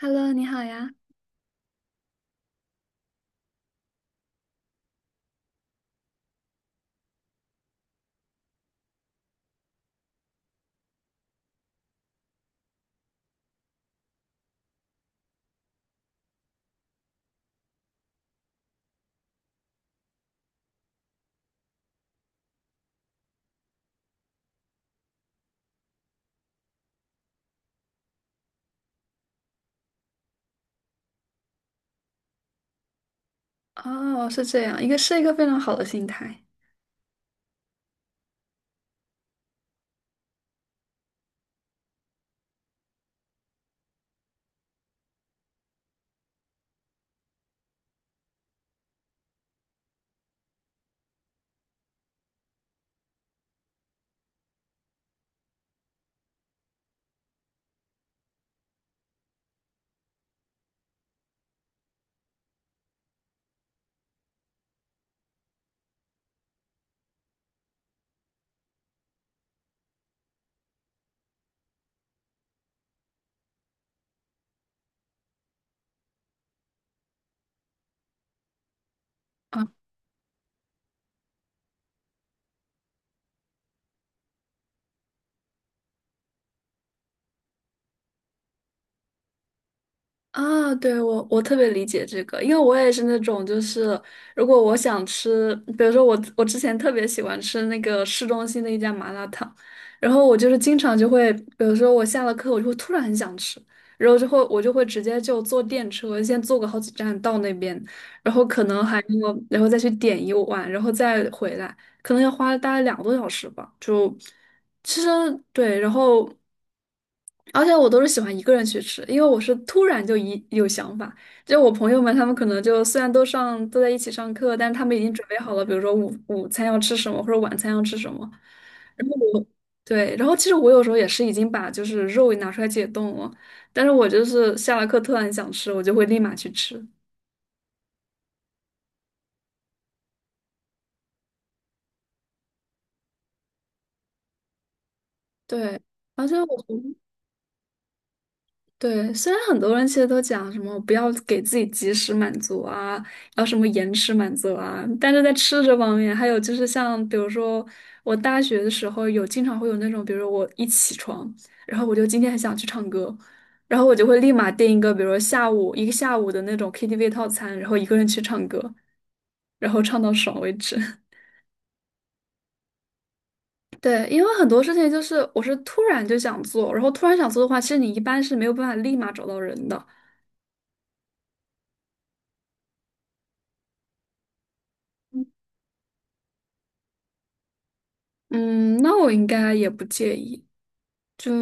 Hello，你好呀。哦，是这样，一个是一个非常好的心态啊。对，我特别理解这个，因为我也是那种，就是如果我想吃，比如说我之前特别喜欢吃那个市中心的一家麻辣烫，然后我就是经常就会，比如说我下了课，我就会突然很想吃，然后就会我就会直接就坐电车，先坐个好几站到那边，然后可能还要然后再去点一碗，然后再回来，可能要花大概两个多小时吧。其实对，然后而且我都是喜欢一个人去吃，因为我是突然就一有想法。就我朋友们，他们可能就虽然都在一起上课，但是他们已经准备好了，比如说午餐要吃什么，或者晚餐要吃什么。然后我对，然后其实我有时候也是已经把就是肉拿出来解冻了，但是我就是下了课突然想吃，我就会立马去吃。对，而且我觉得对，虽然很多人其实都讲什么不要给自己及时满足啊，要什么延迟满足啊，但是在吃这方面，还有就是像比如说我大学的时候有经常会有那种，比如说我一起床，然后我就今天很想去唱歌，然后我就会立马订一个，比如说下午的那种 KTV 套餐，然后一个人去唱歌，然后唱到爽为止。对，因为很多事情就是我是突然就想做，然后突然想做的话，其实你一般是没有办法立马找到人的。嗯，那我应该也不介意。就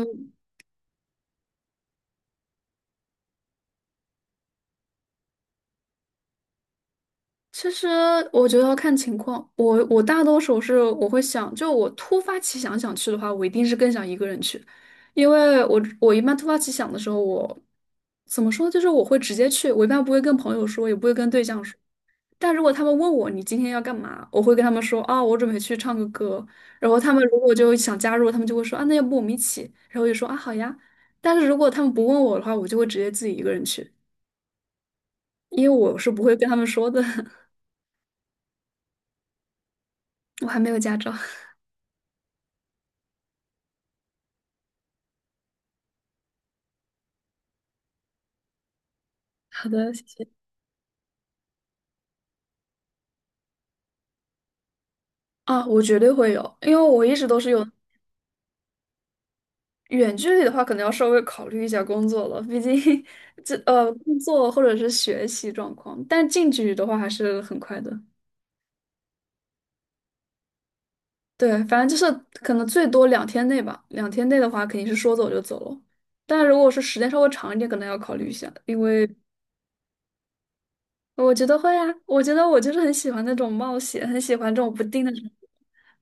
其实我觉得要看情况，我大多数是我会想，就我突发奇想想去的话，我一定是更想一个人去，因为我一般突发奇想的时候，我怎么说就是我会直接去，我一般不会跟朋友说，也不会跟对象说。但如果他们问我你今天要干嘛，我会跟他们说啊，我准备去唱个歌。然后他们如果就想加入，他们就会说啊，那要不我们一起？然后我就说啊，好呀。但是如果他们不问我的话，我就会直接自己一个人去。因为我是不会跟他们说的，我还没有驾照。好的，谢谢。啊，我绝对会有，因为我一直都是有远距离的话，可能要稍微考虑一下工作了，毕竟 这工作或者是学习状况，但近距离的话还是很快的。对，反正就是可能最多两天内吧，两天内的话肯定是说走就走了。但如果是时间稍微长一点，可能要考虑一下，因为我觉得会啊，我觉得我就是很喜欢那种冒险，很喜欢这种不定的人。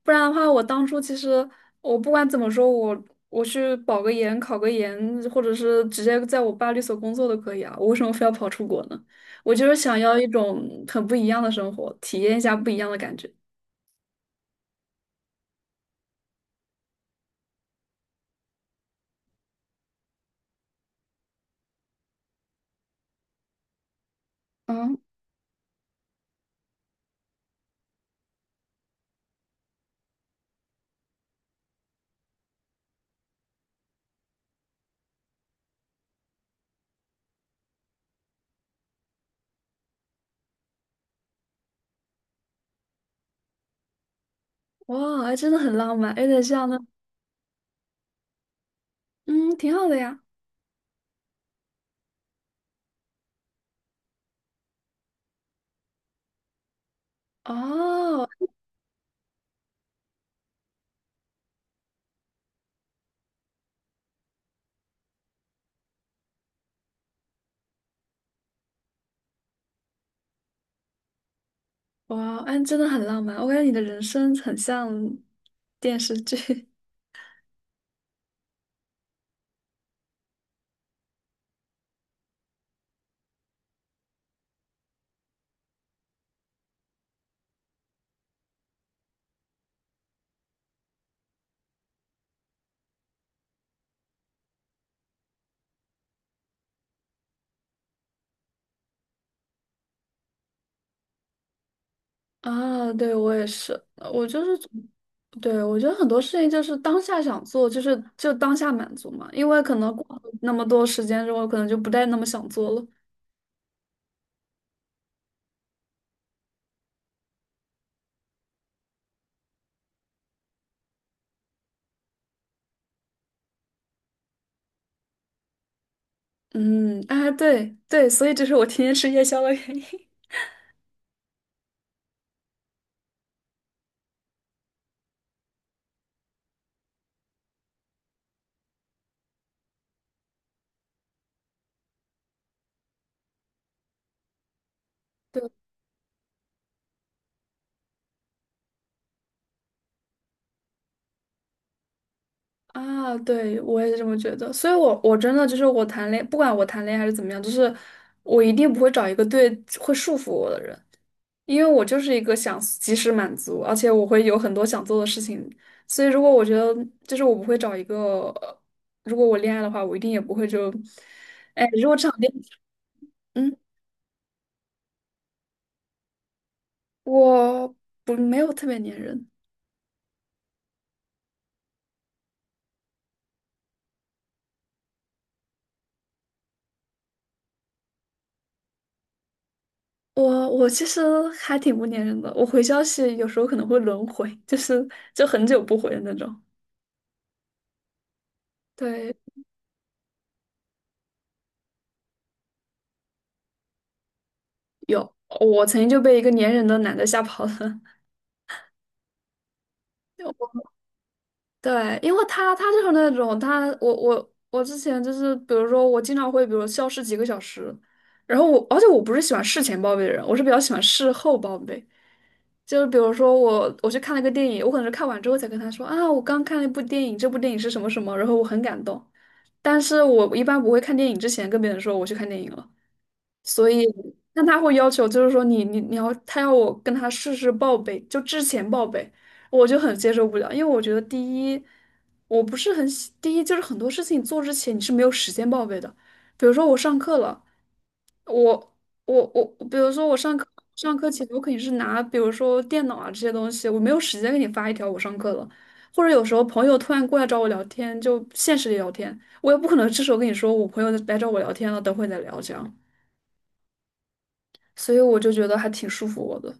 不然的话，我当初其实我不管怎么说，我我去保个研、考个研，或者是直接在我爸律所工作都可以啊。我为什么非要跑出国呢？我就是想要一种很不一样的生活，体验一下不一样的感觉。嗯，哇，哎，真的很浪漫，有点像那，嗯，挺好的呀。哦，哇，哎，真的很浪漫。我感觉你的人生很像电视剧。啊，对，我也是，我就是总对，我觉得很多事情就是当下想做，就是就当下满足嘛，因为可能过了那么多时间之后，可能就不再那么想做了。嗯，啊，对，所以这是我天天吃夜宵的原因。对啊，对，我也是这么觉得，所以我真的就是我谈恋不管我谈恋爱还是怎么样，就是我一定不会找一个会束缚我的人，因为我就是一个想及时满足，而且我会有很多想做的事情，所以如果我觉得就是我不会找一个，如果我恋爱的话，我一定也不会就，哎，如果这场恋，嗯，我不没有特别粘人。我其实还挺不粘人的，我回消息有时候可能会轮回，就是就很久不回的那种。对，有，我曾经就被一个粘人的男的吓跑了。对，因为他就是那种他，我之前就是，比如说我经常会，比如消失几个小时，然后我，而且我不是喜欢事前报备的人，我是比较喜欢事后报备。就是比如说我去看了一个电影，我可能是看完之后才跟他说啊，我刚看了一部电影，这部电影是什么什么，然后我很感动。但是我一般不会看电影之前跟别人说我去看电影了。所以，但他会要求，就是说你你你要他要我跟他事事报备，就之前报备，我就很接受不了，因为我觉得第一，我不是很喜，第一就是很多事情做之前你是没有时间报备的，比如说我上课了，我我，比如说我上课上课前我肯定是拿，比如说电脑啊这些东西，我没有时间给你发一条我上课了。或者有时候朋友突然过来找我聊天，就现实里聊天，我也不可能这时候跟你说我朋友来找我聊天了，等会再聊这样。所以我就觉得还挺束缚我的。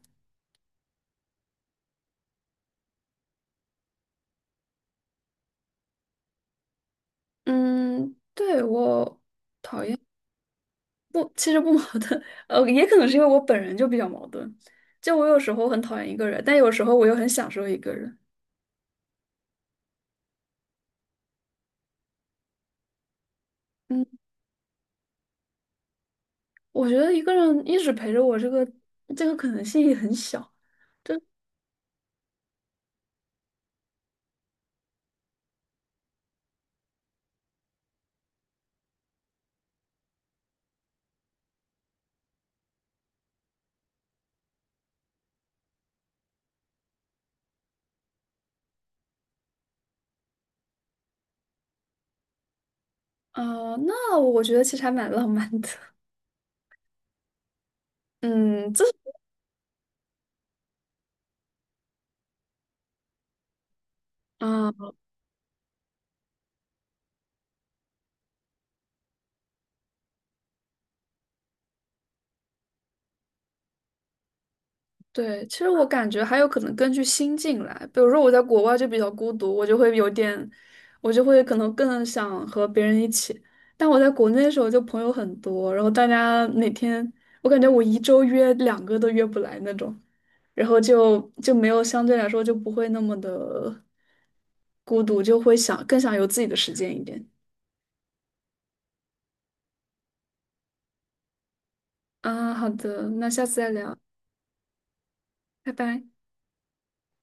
嗯，对，我不，其实不矛盾，也可能是因为我本人就比较矛盾，就我有时候很讨厌一个人，但有时候我又很享受一个人。嗯，我觉得一个人一直陪着我，这个可能性也很小。那我觉得其实还蛮浪漫的。嗯，这啊。对，其实我感觉还有可能根据心境来，比如说我在国外就比较孤独，我就会有点，我就会可能更想和别人一起。但我在国内的时候就朋友很多，然后大家每天，我感觉我一周约两个都约不来那种，然后就没有相对来说就不会那么的孤独，就会想更想有自己的时间一点。啊，好的，那下次再聊，拜拜。